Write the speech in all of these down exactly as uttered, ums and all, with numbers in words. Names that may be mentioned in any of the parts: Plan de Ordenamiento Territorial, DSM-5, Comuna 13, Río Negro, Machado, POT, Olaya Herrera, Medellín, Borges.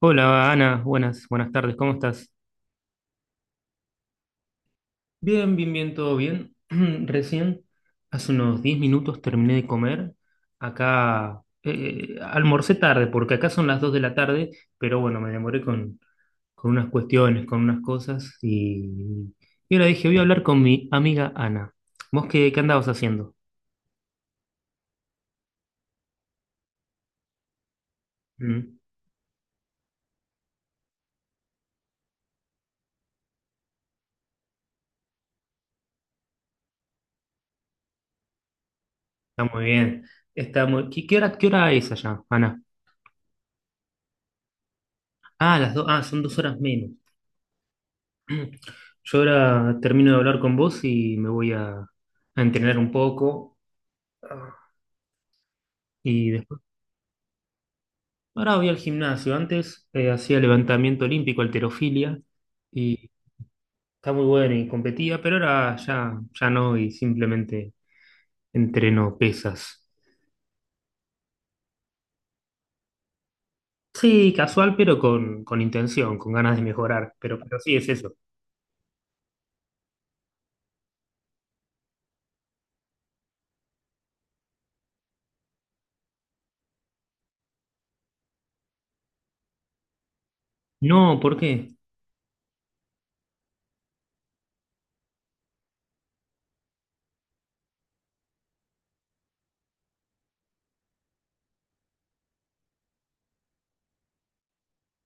Hola Ana, buenas, buenas tardes, ¿cómo estás? Bien, bien, bien, todo bien. Recién, hace unos diez minutos terminé de comer. Acá eh, eh, almorcé tarde, porque acá son las dos de la tarde, pero bueno, me demoré con, con unas cuestiones, con unas cosas, y, y ahora dije, voy a hablar con mi amiga Ana. ¿Vos qué, qué andabas haciendo? Mm, está muy bien. Está muy... ¿Qué, qué hora, qué hora es allá, Ana? Ah, las dos, ah, son dos horas menos. Yo ahora termino de hablar con vos y me voy a, a entrenar un poco. Y después, ahora voy al gimnasio. Antes eh, hacía levantamiento olímpico, halterofilia, y está muy bueno y competía, pero ahora ya, ya no, y simplemente entreno pesas. Sí, casual, pero con, con intención, con ganas de mejorar. Pero, pero sí es eso. No, ¿por qué?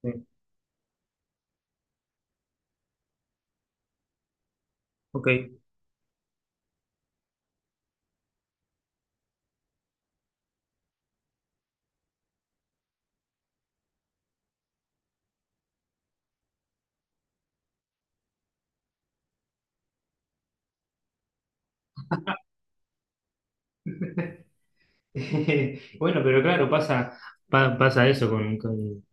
Eh, ok. Bueno, pero claro, pasa, pa- pasa eso con, con-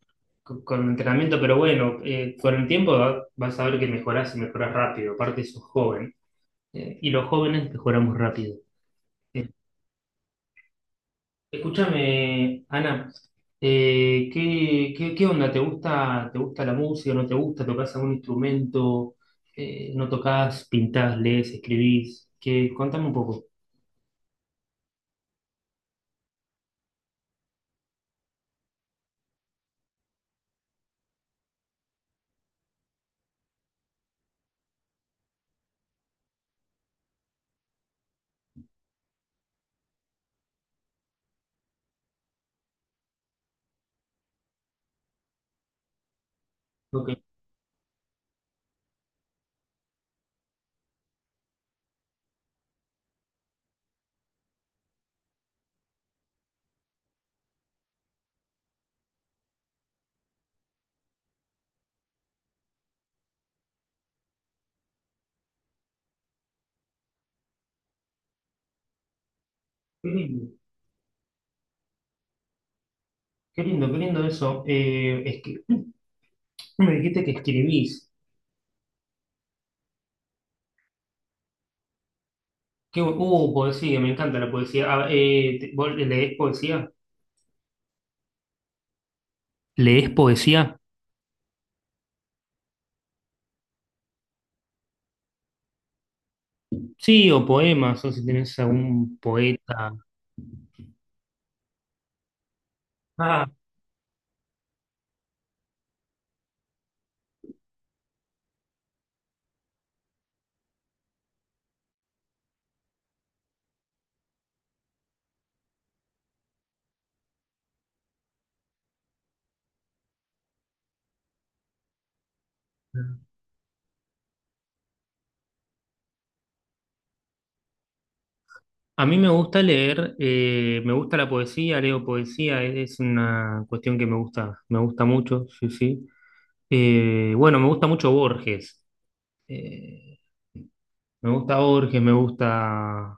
con, con entrenamiento, pero bueno, eh, con el tiempo va- vas a ver que mejorás y mejorás rápido, aparte sos joven, eh, y los jóvenes mejoramos rápido. Eh, escúchame, Ana, eh, ¿qué, qué, qué onda? ¿Te gusta, te gusta la música? ¿No te gusta? ¿Tocás algún instrumento? Eh, ¿no tocás? ¿Pintás? ¿Lees? ¿Escribís? ¿Qué? Contame un poco. Ok, qué lindo, qué lindo, qué lindo eso. Eh, es que me dijiste que escribís. Qué bu- uh, poesía, me encanta la poesía. Ah, eh, te- ¿vos lees poesía? ¿Lees poesía? Sí, o poemas, o si tenés algún poeta. Ah, a mí me gusta leer, eh, me gusta la poesía, leo poesía, es es una cuestión que me gusta, me gusta mucho, sí, sí. Eh, bueno, me gusta mucho Borges. Eh, me gusta Borges, me gusta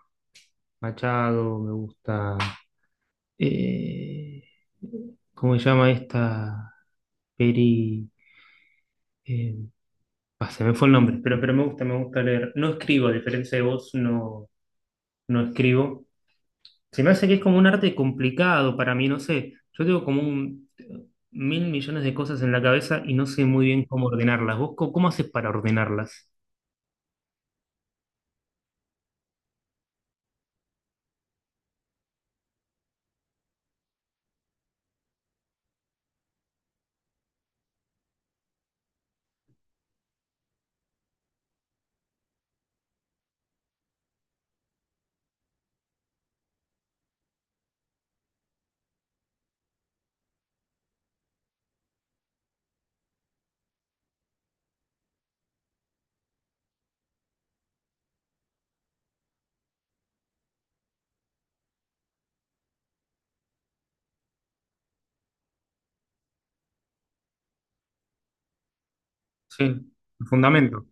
Machado, me gusta. eh, ¿cómo se llama esta? Peri. eh, Ah, se me fue el nombre, pero, pero me gusta, me gusta leer. No escribo, a diferencia de vos, no, no escribo. Se me hace que es como un arte complicado para mí, no sé. Yo tengo como un, mil millones de cosas en la cabeza y no sé muy bien cómo ordenarlas. ¿Vos co- cómo haces para ordenarlas? Sí, el fundamento,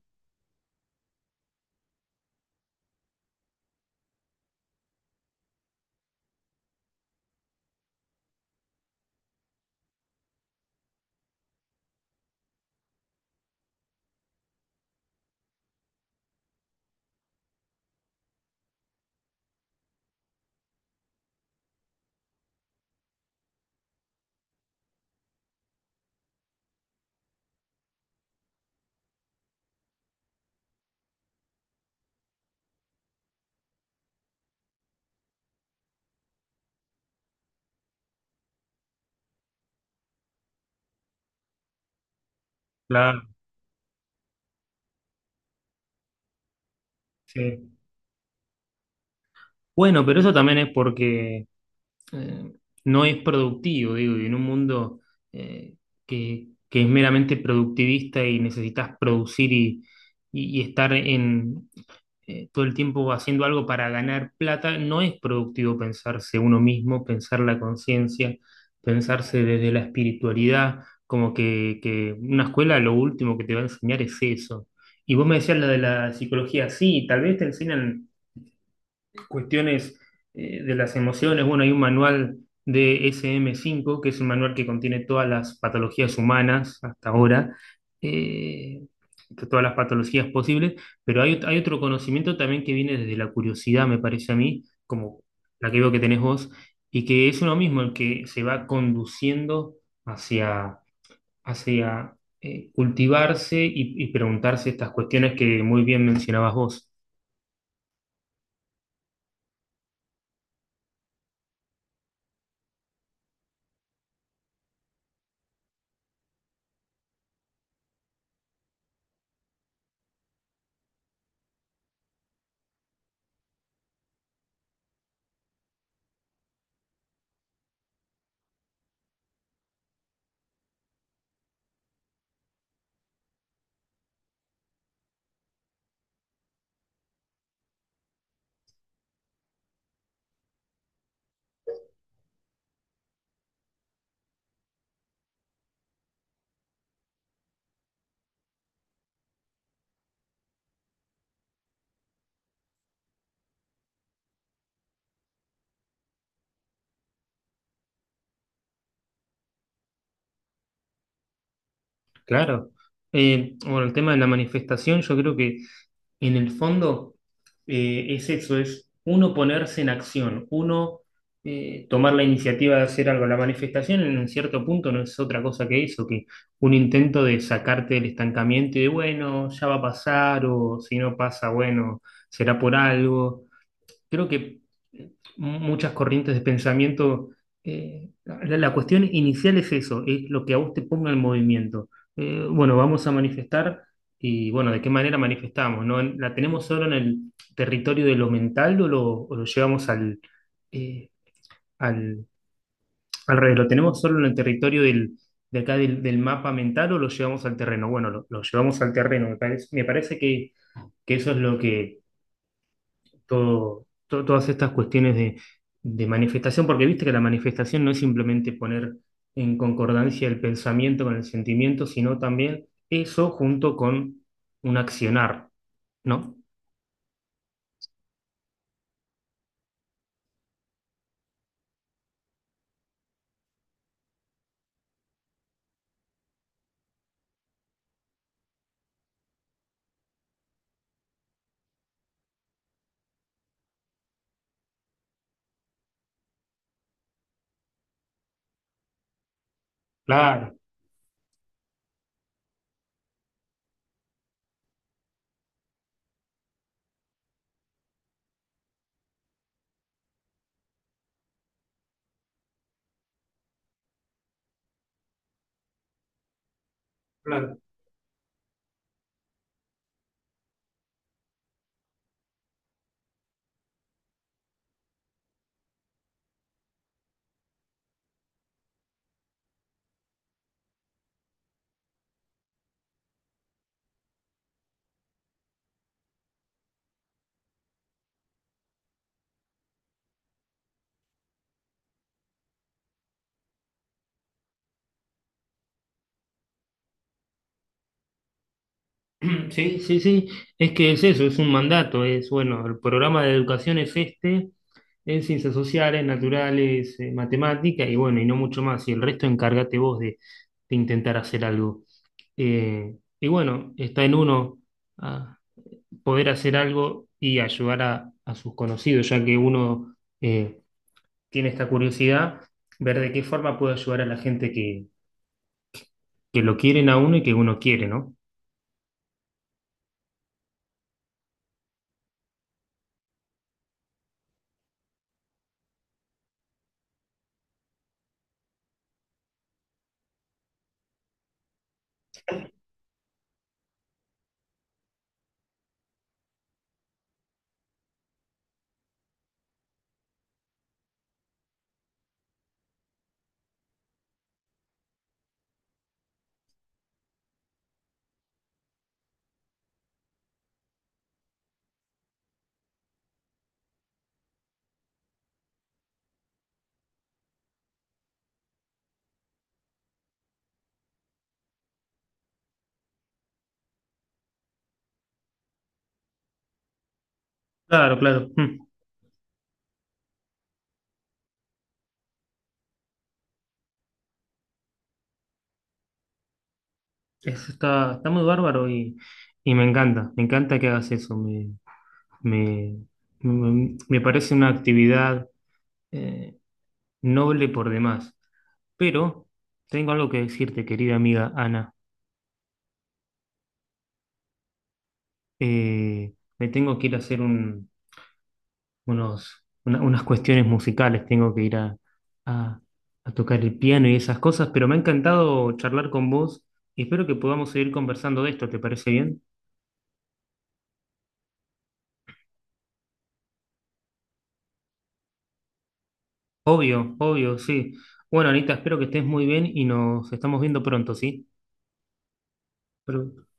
claro. Sí. Bueno, pero eso también es porque eh, no es productivo, digo, y en un mundo eh, que, que es meramente productivista y necesitas producir y y, y estar en, eh, todo el tiempo haciendo algo para ganar plata, no es productivo pensarse uno mismo, pensar la conciencia, pensarse desde la espiritualidad, como que, que una escuela lo último que te va a enseñar es eso. Y vos me decías la de la psicología, sí, tal vez te enseñan cuestiones eh, de las emociones. Bueno, hay un manual de ese eme cinco que es un manual que contiene todas las patologías humanas hasta ahora, eh, todas las patologías posibles, pero hay, hay otro conocimiento también que viene desde la curiosidad, me parece a mí, como la que veo que tenés vos, y que es uno mismo el que se va conduciendo hacia, hacia eh, cultivarse y y preguntarse estas cuestiones que muy bien mencionabas vos. Claro. Eh, bueno, el tema de la manifestación, yo creo que en el fondo eh, es eso, es uno ponerse en acción, uno eh, tomar la iniciativa de hacer algo. La manifestación en un cierto punto no es otra cosa que eso, que un intento de sacarte del estancamiento y de, bueno, ya va a pasar o si no pasa, bueno, será por algo. Creo que muchas corrientes de pensamiento, eh, la, la cuestión inicial es eso, es lo que a vos te ponga en movimiento. Eh, bueno, vamos a manifestar y bueno, ¿de qué manera manifestamos? ¿No? ¿La tenemos solo en el territorio de lo mental o lo, o lo llevamos al, eh, al, al revés? ¿Lo tenemos solo en el territorio del, de acá del, del mapa mental o lo llevamos al terreno? Bueno, lo, lo llevamos al terreno, me parece, me parece que, que eso es lo que todo, to- todas estas cuestiones de, de manifestación, porque viste que la manifestación no es simplemente poner en concordancia el pensamiento con el sentimiento, sino también eso junto con un accionar, ¿no? Claro, claro. Sí, sí, sí, es que es eso, es un mandato, es bueno, el programa de educación es este, en ciencias sociales, naturales, eh, matemática y bueno, y no mucho más, y el resto encárgate vos de, de intentar hacer algo. Eh, y bueno, está en uno ah, poder hacer algo y ayudar a, a sus conocidos, ya que uno eh, tiene esta curiosidad, ver de qué forma puede ayudar a la gente que, que lo quieren a uno y que uno quiere, ¿no? Claro, claro. Mm. Eso está, está muy bárbaro y, y me encanta, me encanta que hagas eso. Me, me, me- me parece una actividad eh, noble por demás. Pero tengo algo que decirte, querida amiga Ana. Eh, me tengo que ir a hacer un- unos, una- unas cuestiones musicales, tengo que ir a, a- a tocar el piano y esas cosas, pero me ha encantado charlar con vos y espero que podamos seguir conversando de esto, ¿te parece bien? Obvio, obvio, sí. Bueno, Anita, espero que estés muy bien y nos estamos viendo pronto, ¿sí? Pero-